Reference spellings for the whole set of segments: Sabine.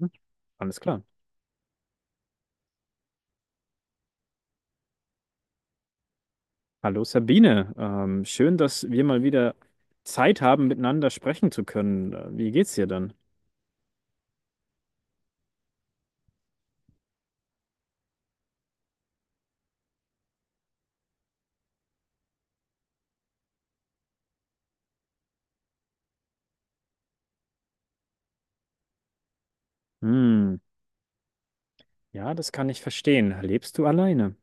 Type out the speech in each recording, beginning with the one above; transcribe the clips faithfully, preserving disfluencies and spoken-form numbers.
Hm. Alles klar. Hallo Sabine, ähm, schön, dass wir mal wieder Zeit haben, miteinander sprechen zu können. Äh, Wie geht's dir denn? Hm, ja, das kann ich verstehen. Lebst du alleine?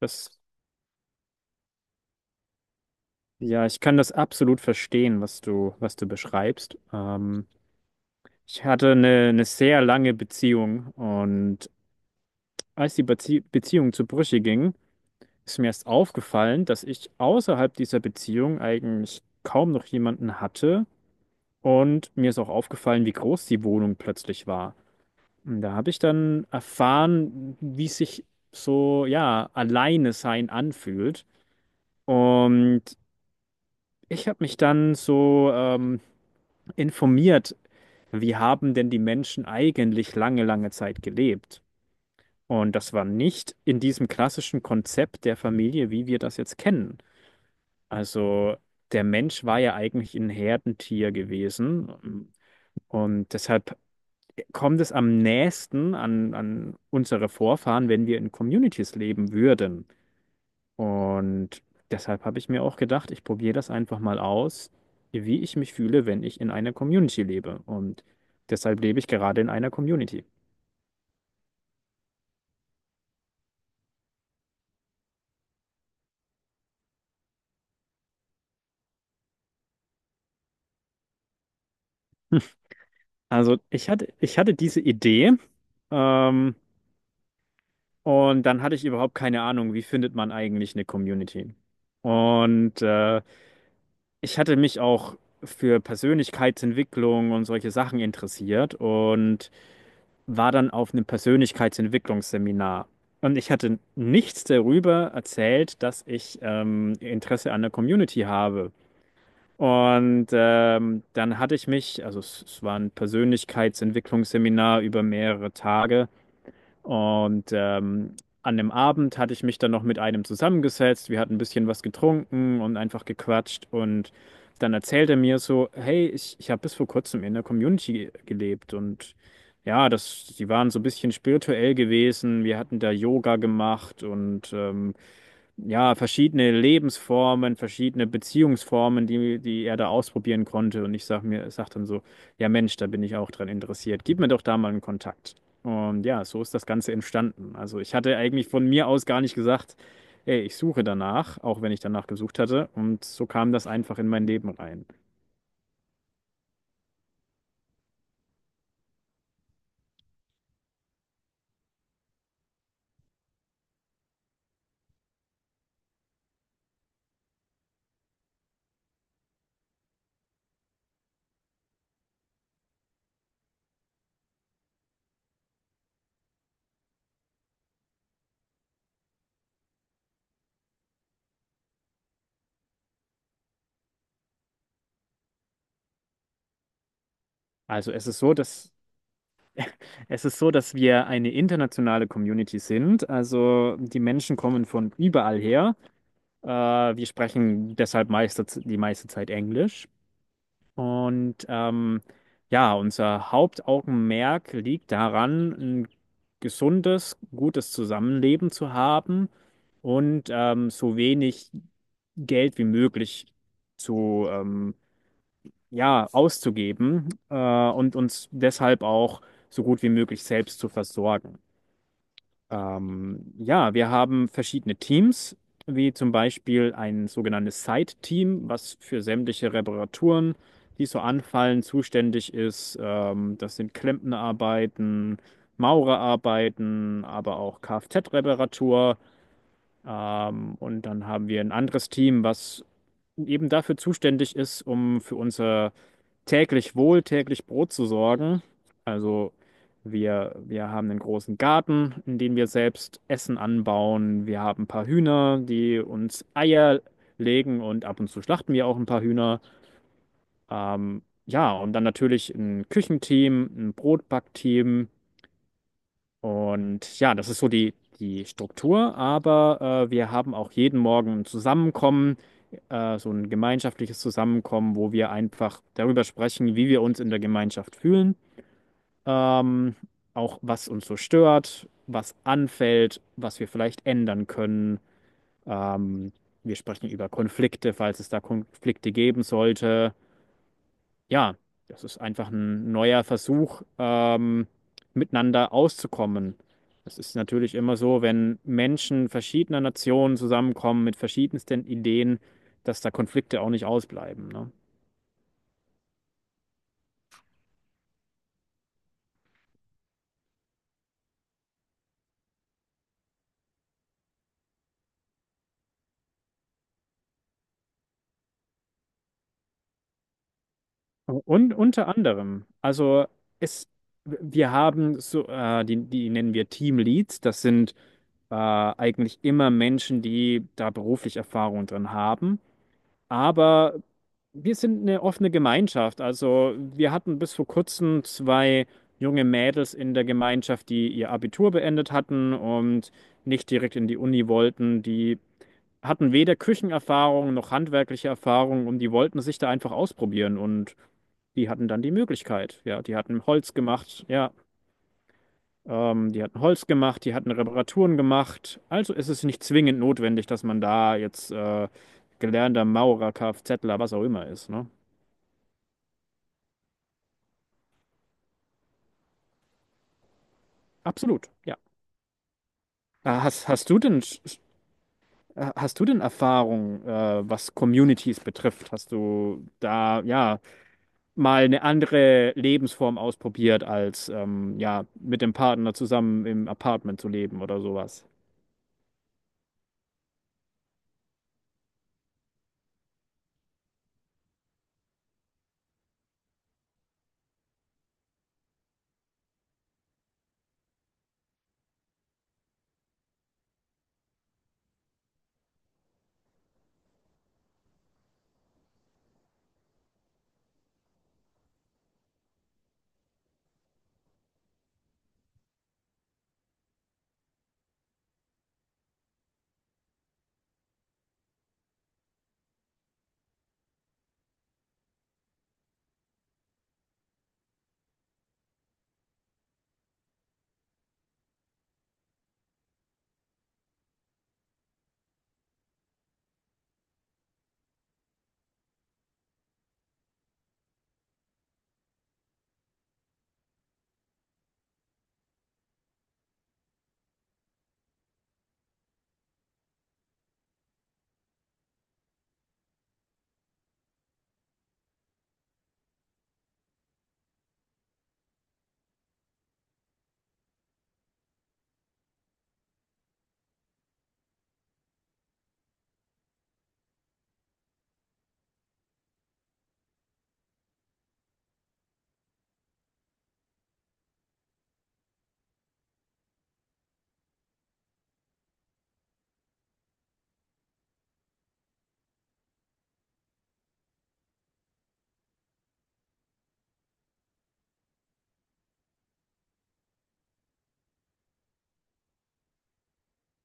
Das, ja, ich kann das absolut verstehen, was du, was du beschreibst. Ähm, ich hatte eine, eine sehr lange Beziehung und als die Bezie Beziehung zu Brüche ging, ist mir erst aufgefallen, dass ich außerhalb dieser Beziehung eigentlich kaum noch jemanden hatte. Und mir ist auch aufgefallen, wie groß die Wohnung plötzlich war. Und da habe ich dann erfahren, wie sich so, ja, alleine sein anfühlt. Und ich habe mich dann so ähm, informiert, wie haben denn die Menschen eigentlich lange, lange Zeit gelebt? Und das war nicht in diesem klassischen Konzept der Familie, wie wir das jetzt kennen. Also der Mensch war ja eigentlich ein Herdentier gewesen. Und deshalb kommt es am nächsten an, an unsere Vorfahren, wenn wir in Communities leben würden. Und deshalb habe ich mir auch gedacht, ich probiere das einfach mal aus, wie ich mich fühle, wenn ich in einer Community lebe. Und deshalb lebe ich gerade in einer Community. Also ich hatte, ich hatte diese Idee. Ähm, Und dann hatte ich überhaupt keine Ahnung, wie findet man eigentlich eine Community. Und äh, ich hatte mich auch für Persönlichkeitsentwicklung und solche Sachen interessiert und war dann auf einem Persönlichkeitsentwicklungsseminar. Und ich hatte nichts darüber erzählt, dass ich ähm, Interesse an der Community habe. Und ähm, dann hatte ich mich, also es, es war ein Persönlichkeitsentwicklungsseminar über mehrere Tage. Und ähm, an dem Abend hatte ich mich dann noch mit einem zusammengesetzt. Wir hatten ein bisschen was getrunken und einfach gequatscht. Und dann erzählt er mir so, hey, ich, ich habe bis vor kurzem in der Community gelebt. Und ja, das, die waren so ein bisschen spirituell gewesen. Wir hatten da Yoga gemacht und ähm, ja, verschiedene Lebensformen, verschiedene Beziehungsformen, die, die er da ausprobieren konnte. Und ich sag mir, sag dann so, ja Mensch, da bin ich auch dran interessiert. Gib mir doch da mal einen Kontakt. Und ja, so ist das Ganze entstanden. Also ich hatte eigentlich von mir aus gar nicht gesagt, ey, ich suche danach, auch wenn ich danach gesucht hatte. Und so kam das einfach in mein Leben rein. Also es ist so, dass Es ist so, dass wir eine internationale Community sind. Also die Menschen kommen von überall her. Äh, wir sprechen deshalb meiste, die meiste Zeit Englisch. Und ähm, ja, unser Hauptaugenmerk liegt daran, ein gesundes, gutes Zusammenleben zu haben und ähm, so wenig Geld wie möglich zu ähm, ja, auszugeben äh, und uns deshalb auch so gut wie möglich selbst zu versorgen. Ähm, ja, wir haben verschiedene Teams, wie zum Beispiel ein sogenanntes Site-Team, was für sämtliche Reparaturen, die so anfallen, zuständig ist. Ähm, das sind Klempnerarbeiten, Maurerarbeiten, aber auch Kfz-Reparatur. Ähm, und dann haben wir ein anderes Team, was eben dafür zuständig ist, um für unser täglich Wohl, täglich Brot zu sorgen. Also wir, wir haben einen großen Garten, in dem wir selbst Essen anbauen. Wir haben ein paar Hühner, die uns Eier legen, und ab und zu schlachten wir auch ein paar Hühner. Ähm, ja, und dann natürlich ein Küchenteam, ein Brotbackteam. Und ja, das ist so die, die Struktur, aber äh, wir haben auch jeden Morgen ein Zusammenkommen, äh, so ein gemeinschaftliches Zusammenkommen, wo wir einfach darüber sprechen, wie wir uns in der Gemeinschaft fühlen, ähm, auch was uns so stört, was anfällt, was wir vielleicht ändern können. Ähm, Wir sprechen über Konflikte, falls es da Konflikte geben sollte. Ja, das ist einfach ein neuer Versuch, ähm, miteinander auszukommen. Es ist natürlich immer so, wenn Menschen verschiedener Nationen zusammenkommen mit verschiedensten Ideen, dass da Konflikte auch nicht ausbleiben, ne? Und unter anderem, also es, wir haben so, äh, die, die nennen wir Teamleads, das sind äh, eigentlich immer Menschen, die da beruflich Erfahrung drin haben. Aber wir sind eine offene Gemeinschaft. Also wir hatten bis vor kurzem zwei junge Mädels in der Gemeinschaft, die ihr Abitur beendet hatten und nicht direkt in die Uni wollten. Die hatten weder Küchenerfahrung noch handwerkliche Erfahrung und die wollten sich da einfach ausprobieren, und die hatten dann die Möglichkeit. Ja, die hatten Holz gemacht. Ja. Ähm, die hatten Holz gemacht, die hatten Reparaturen gemacht. Also ist es nicht zwingend notwendig, dass man da jetzt äh, gelernter Maurer, Kfzler, was auch immer ist, ne? Absolut, ja. Äh, Hast, hast du denn, äh, hast du denn Erfahrung, äh, was Communities betrifft? Hast du da, ja, mal eine andere Lebensform ausprobiert, als, ähm, ja, mit dem Partner zusammen im Apartment zu leben oder sowas?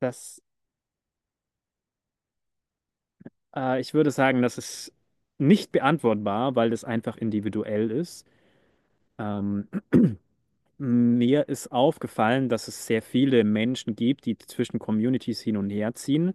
Das, äh, Ich würde sagen, das ist nicht beantwortbar, weil das einfach individuell ist. Ähm, Mir ist aufgefallen, dass es sehr viele Menschen gibt, die zwischen Communities hin und her ziehen.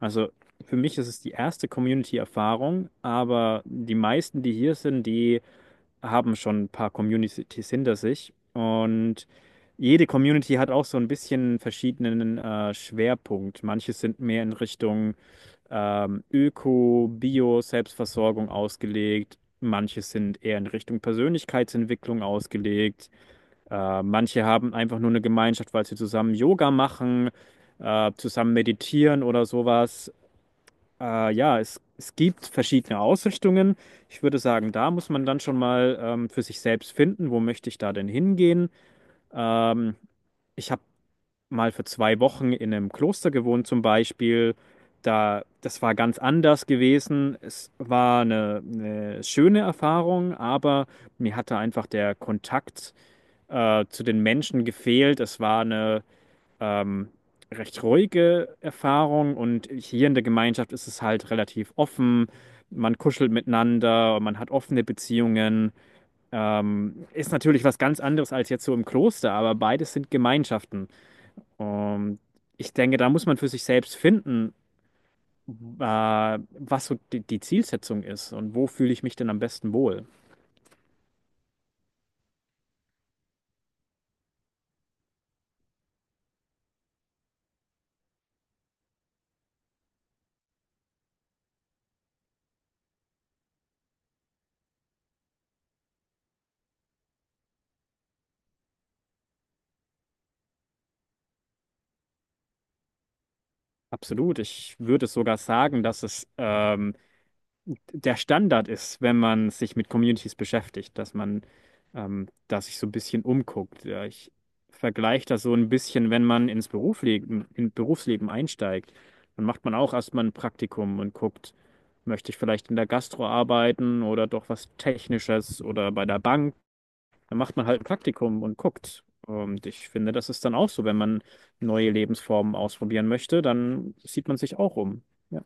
Also für mich ist es die erste Community-Erfahrung, aber die meisten, die hier sind, die haben schon ein paar Communities hinter sich. Und jede Community hat auch so ein bisschen verschiedenen äh, Schwerpunkt. Manche sind mehr in Richtung ähm, Öko, Bio, Selbstversorgung ausgelegt. Manche sind eher in Richtung Persönlichkeitsentwicklung ausgelegt. Äh, manche haben einfach nur eine Gemeinschaft, weil sie zusammen Yoga machen, äh, zusammen meditieren oder sowas. Äh, ja, es, es gibt verschiedene Ausrichtungen. Ich würde sagen, da muss man dann schon mal ähm, für sich selbst finden, wo möchte ich da denn hingehen. Ähm, Ich habe mal für zwei Wochen in einem Kloster gewohnt zum Beispiel. Da, das war ganz anders gewesen. Es war eine, eine schöne Erfahrung, aber mir hatte einfach der Kontakt äh, zu den Menschen gefehlt. Es war eine ähm, recht ruhige Erfahrung, und hier in der Gemeinschaft ist es halt relativ offen. Man kuschelt miteinander, man hat offene Beziehungen. Ähm, ist natürlich was ganz anderes als jetzt so im Kloster, aber beides sind Gemeinschaften. Und ich denke, da muss man für sich selbst finden, äh, was so die, die Zielsetzung ist und wo fühle ich mich denn am besten wohl. Absolut. Ich würde sogar sagen, dass es ähm, der Standard ist, wenn man sich mit Communities beschäftigt, dass man ähm, da sich so ein bisschen umguckt. Ja, ich vergleiche das so ein bisschen, wenn man ins Berufsleben, in Berufsleben einsteigt, dann macht man auch erstmal ein Praktikum und guckt, möchte ich vielleicht in der Gastro arbeiten oder doch was Technisches oder bei der Bank. Dann macht man halt ein Praktikum und guckt. Und ich finde, das ist dann auch so, wenn man neue Lebensformen ausprobieren möchte, dann sieht man sich auch um. Ja,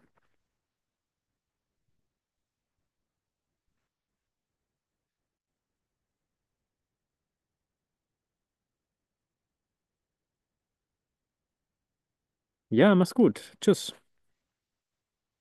ja, mach's gut. Tschüss.